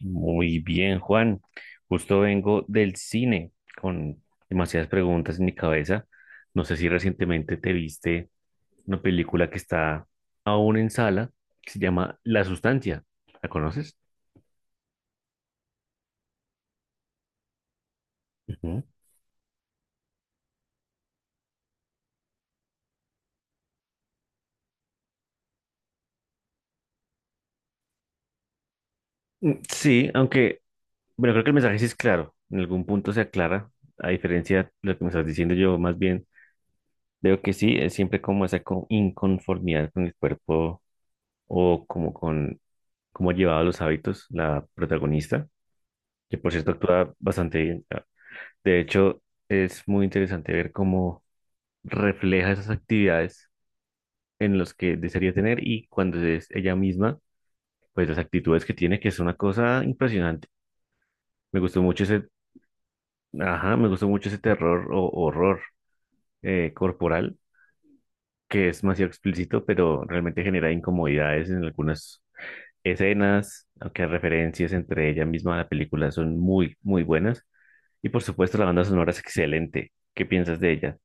Muy bien, Juan. Justo vengo del cine con demasiadas preguntas en mi cabeza. No sé si recientemente te viste una película que está aún en sala, que se llama La Sustancia. ¿La conoces? Ujú. Mm, sí, aunque, bueno, creo que el mensaje sí es claro. En algún punto se aclara, a diferencia de lo que me estás diciendo yo, más bien veo que sí, es siempre como esa inconformidad con el cuerpo o como con cómo llevaba los hábitos la protagonista, que por cierto actúa bastante bien. Ah, de hecho, es muy interesante ver cómo refleja esas actividades en las que desearía tener y cuando es ella misma, pues las actitudes que tiene, que es una cosa impresionante. Me gustó mucho ese, ajá, me gustó mucho ese terror o horror corporal, que es demasiado explícito, pero realmente genera incomodidades en algunas escenas, aunque referencias entre ella misma a la película son muy, muy buenas. Y por supuesto, la banda sonora es excelente. ¿Qué piensas de ella?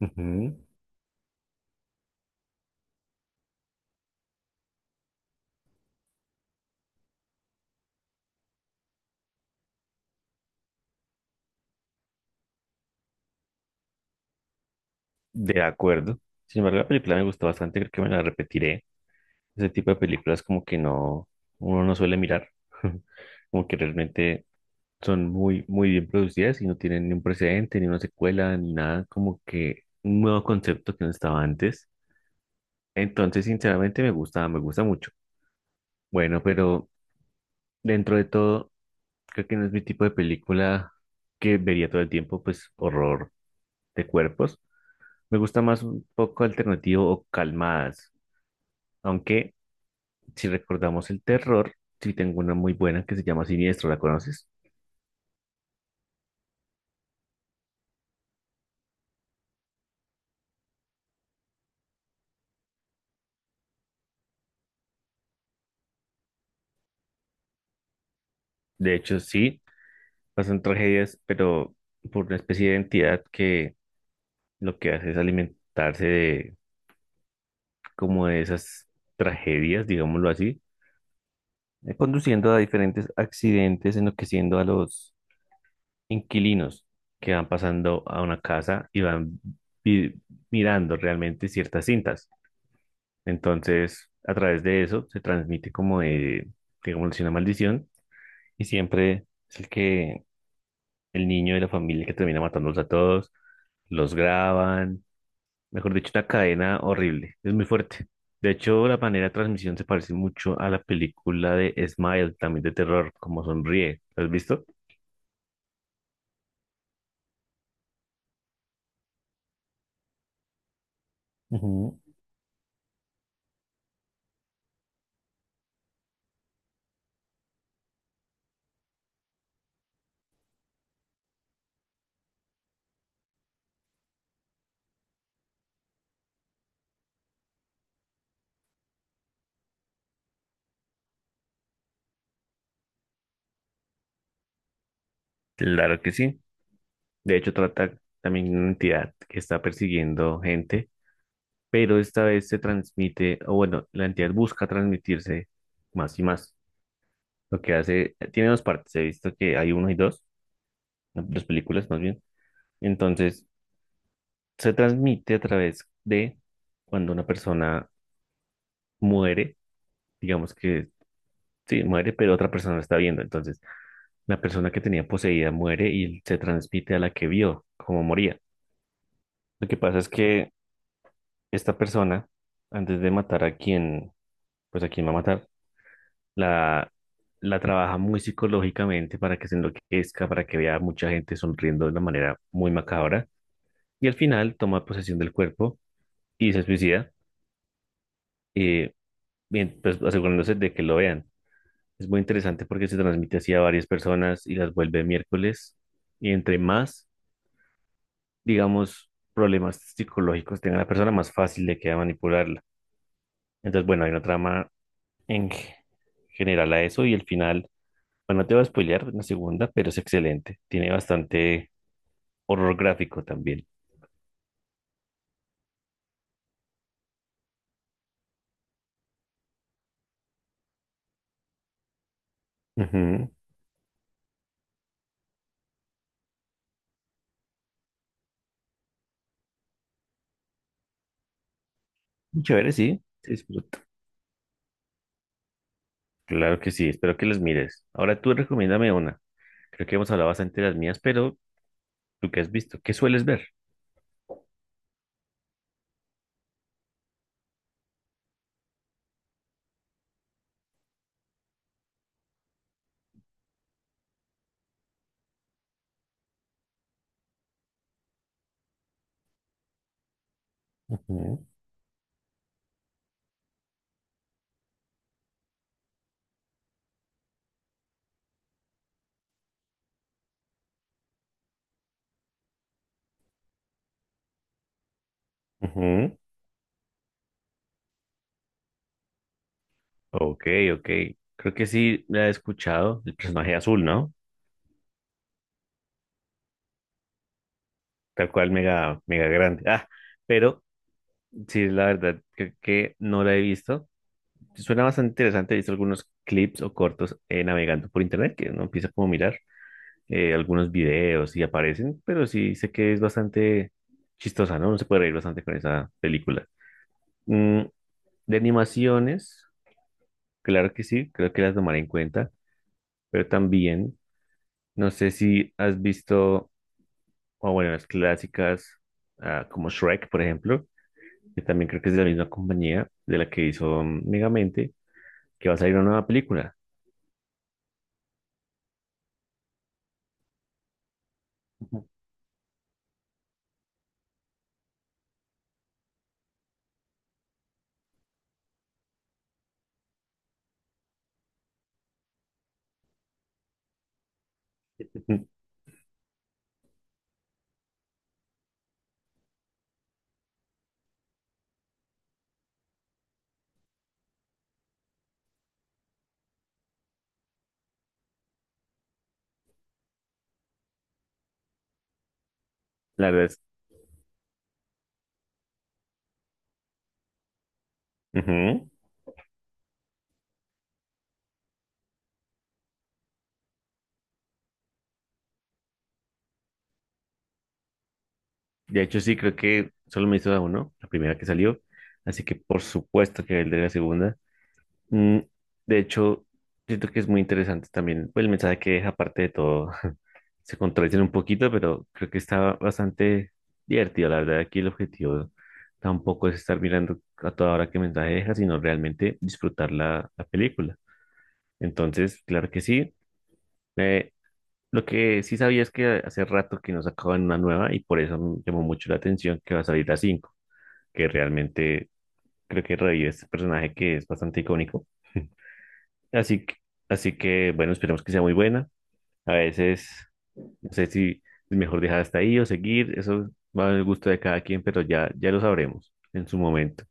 Ujú. De acuerdo. Sin embargo, la película me gustó bastante, creo que me la repetiré. Ese tipo de películas como que no, uno no suele mirar, como que realmente son muy, muy bien producidas y no tienen ni un precedente, ni una secuela, ni nada, como que un nuevo concepto que no estaba antes. Entonces, sinceramente, me gusta mucho. Bueno, pero dentro de todo, creo que no es mi tipo de película que vería todo el tiempo, pues horror de cuerpos. Me gusta más un poco alternativo o calmadas, aunque si recordamos el terror, sí tengo una muy buena que se llama Siniestro, ¿la conoces? De hecho, sí, pasan tragedias, pero por una especie de entidad que lo que hace es alimentarse de como de esas tragedias, digámoslo así, conduciendo a diferentes accidentes, enloqueciendo a los inquilinos que van pasando a una casa y van vi- mirando realmente ciertas cintas. Entonces, a través de eso se transmite como de, digamos, una maldición y siempre es el que el niño de la familia que termina matándolos a todos, los graban, mejor dicho, una cadena horrible, es muy fuerte. De hecho, la manera de transmisión se parece mucho a la película de Smile, también de terror, como sonríe. ¿Lo has visto? Ujú. Claro que sí. De hecho, trata también de una entidad que está persiguiendo gente, pero esta vez se transmite, o bueno, la entidad busca transmitirse más y más. Lo que hace, tiene dos partes, he visto que hay uno y dos, dos películas más bien. Entonces, se transmite a través de cuando una persona muere, digamos que sí, muere, pero otra persona la está viendo. Entonces, la persona que tenía poseída muere y se transmite a la que vio cómo moría. Lo que pasa es que esta persona, antes de matar a quien, pues a quien va a matar, la, la trabaja muy psicológicamente para que se enloquezca, para que vea a mucha gente sonriendo de una manera muy macabra. Y al final toma posesión del cuerpo y se suicida, eh, bien, pues asegurándose de que lo vean. Es muy interesante porque se transmite así a varias personas y las vuelve miércoles. Y entre más, digamos, problemas psicológicos tenga la persona, más fácil le queda manipularla. Entonces, bueno, hay una trama en g- general a eso y el final, bueno, no te voy a spoilear la segunda, pero es excelente. Tiene bastante horror gráfico también. Ujú. Muy chévere, sí, se disfruta. Claro que sí, espero que los mires. Ahora tú recomiéndame una. Creo que hemos hablado bastante de las mías, pero ¿tú qué has visto? ¿Qué sueles ver? Ujú, ujú. Ok, ok. Creo que sí la he escuchado, el personaje azul, ¿no? Tal cual, mega, mega grande. Ah, pero sí, la verdad, creo que no la he visto. Suena bastante interesante. He visto algunos clips o cortos navegando por internet que uno empieza como a mirar algunos videos y aparecen, pero sí sé que es bastante chistosa, ¿no? Uno se puede reír bastante con esa película. Mm, de animaciones, claro que sí, creo que las tomaré en cuenta, pero también no sé si has visto, o bueno, las clásicas como Shrek, por ejemplo, que también creo que es de la misma compañía de la que hizo Megamente, que va a salir una nueva película. La verdad es. Ujú. De hecho, sí, creo que solo me hizo a uno, la primera que salió. Así que por supuesto que el de la segunda. Mm, de hecho, siento que es muy interesante también pues, el mensaje que deja, aparte de todo. Se contradicen un poquito, pero creo que está bastante divertido. La verdad, aquí el objetivo tampoco es estar mirando a toda hora qué mensaje deja, sino realmente disfrutar la película. Entonces, claro que sí. Eh, lo que sí sabía es que hace rato que nos sacaban una nueva y por eso me llamó mucho la atención que va a salir la 5 que realmente creo que revive este personaje que es bastante icónico. Así que, así que, bueno, esperemos que sea muy buena. A veces, no sé si es mejor dejar hasta ahí o seguir, eso va al gusto de cada quien, pero ya lo sabremos en su momento.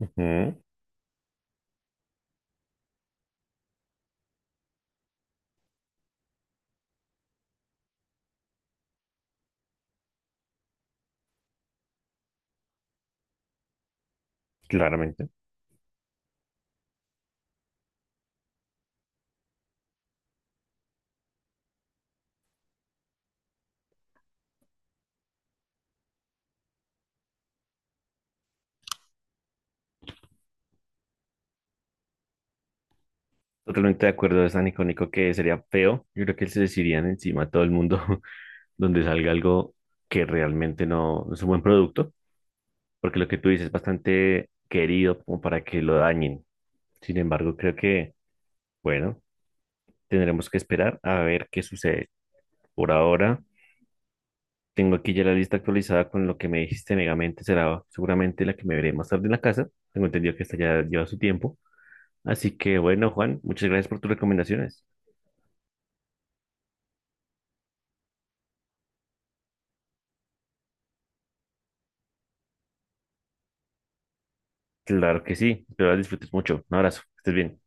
Ujú, claramente. Totalmente de acuerdo, es tan icónico que sería feo. Yo creo que se les irían encima a todo el mundo donde salga algo que realmente no es un buen producto, porque lo que tú dices es bastante querido como para que lo dañen. Sin embargo, creo que bueno, tendremos que esperar a ver qué sucede. Por ahora, tengo aquí ya la lista actualizada con lo que me dijiste. Megamente será seguramente la que me veré más tarde en la casa. Tengo entendido que esta ya lleva su tiempo. Así que bueno, Juan, muchas gracias por tus recomendaciones. Claro que sí. Espero las disfrutes mucho. Un abrazo. Que estés bien.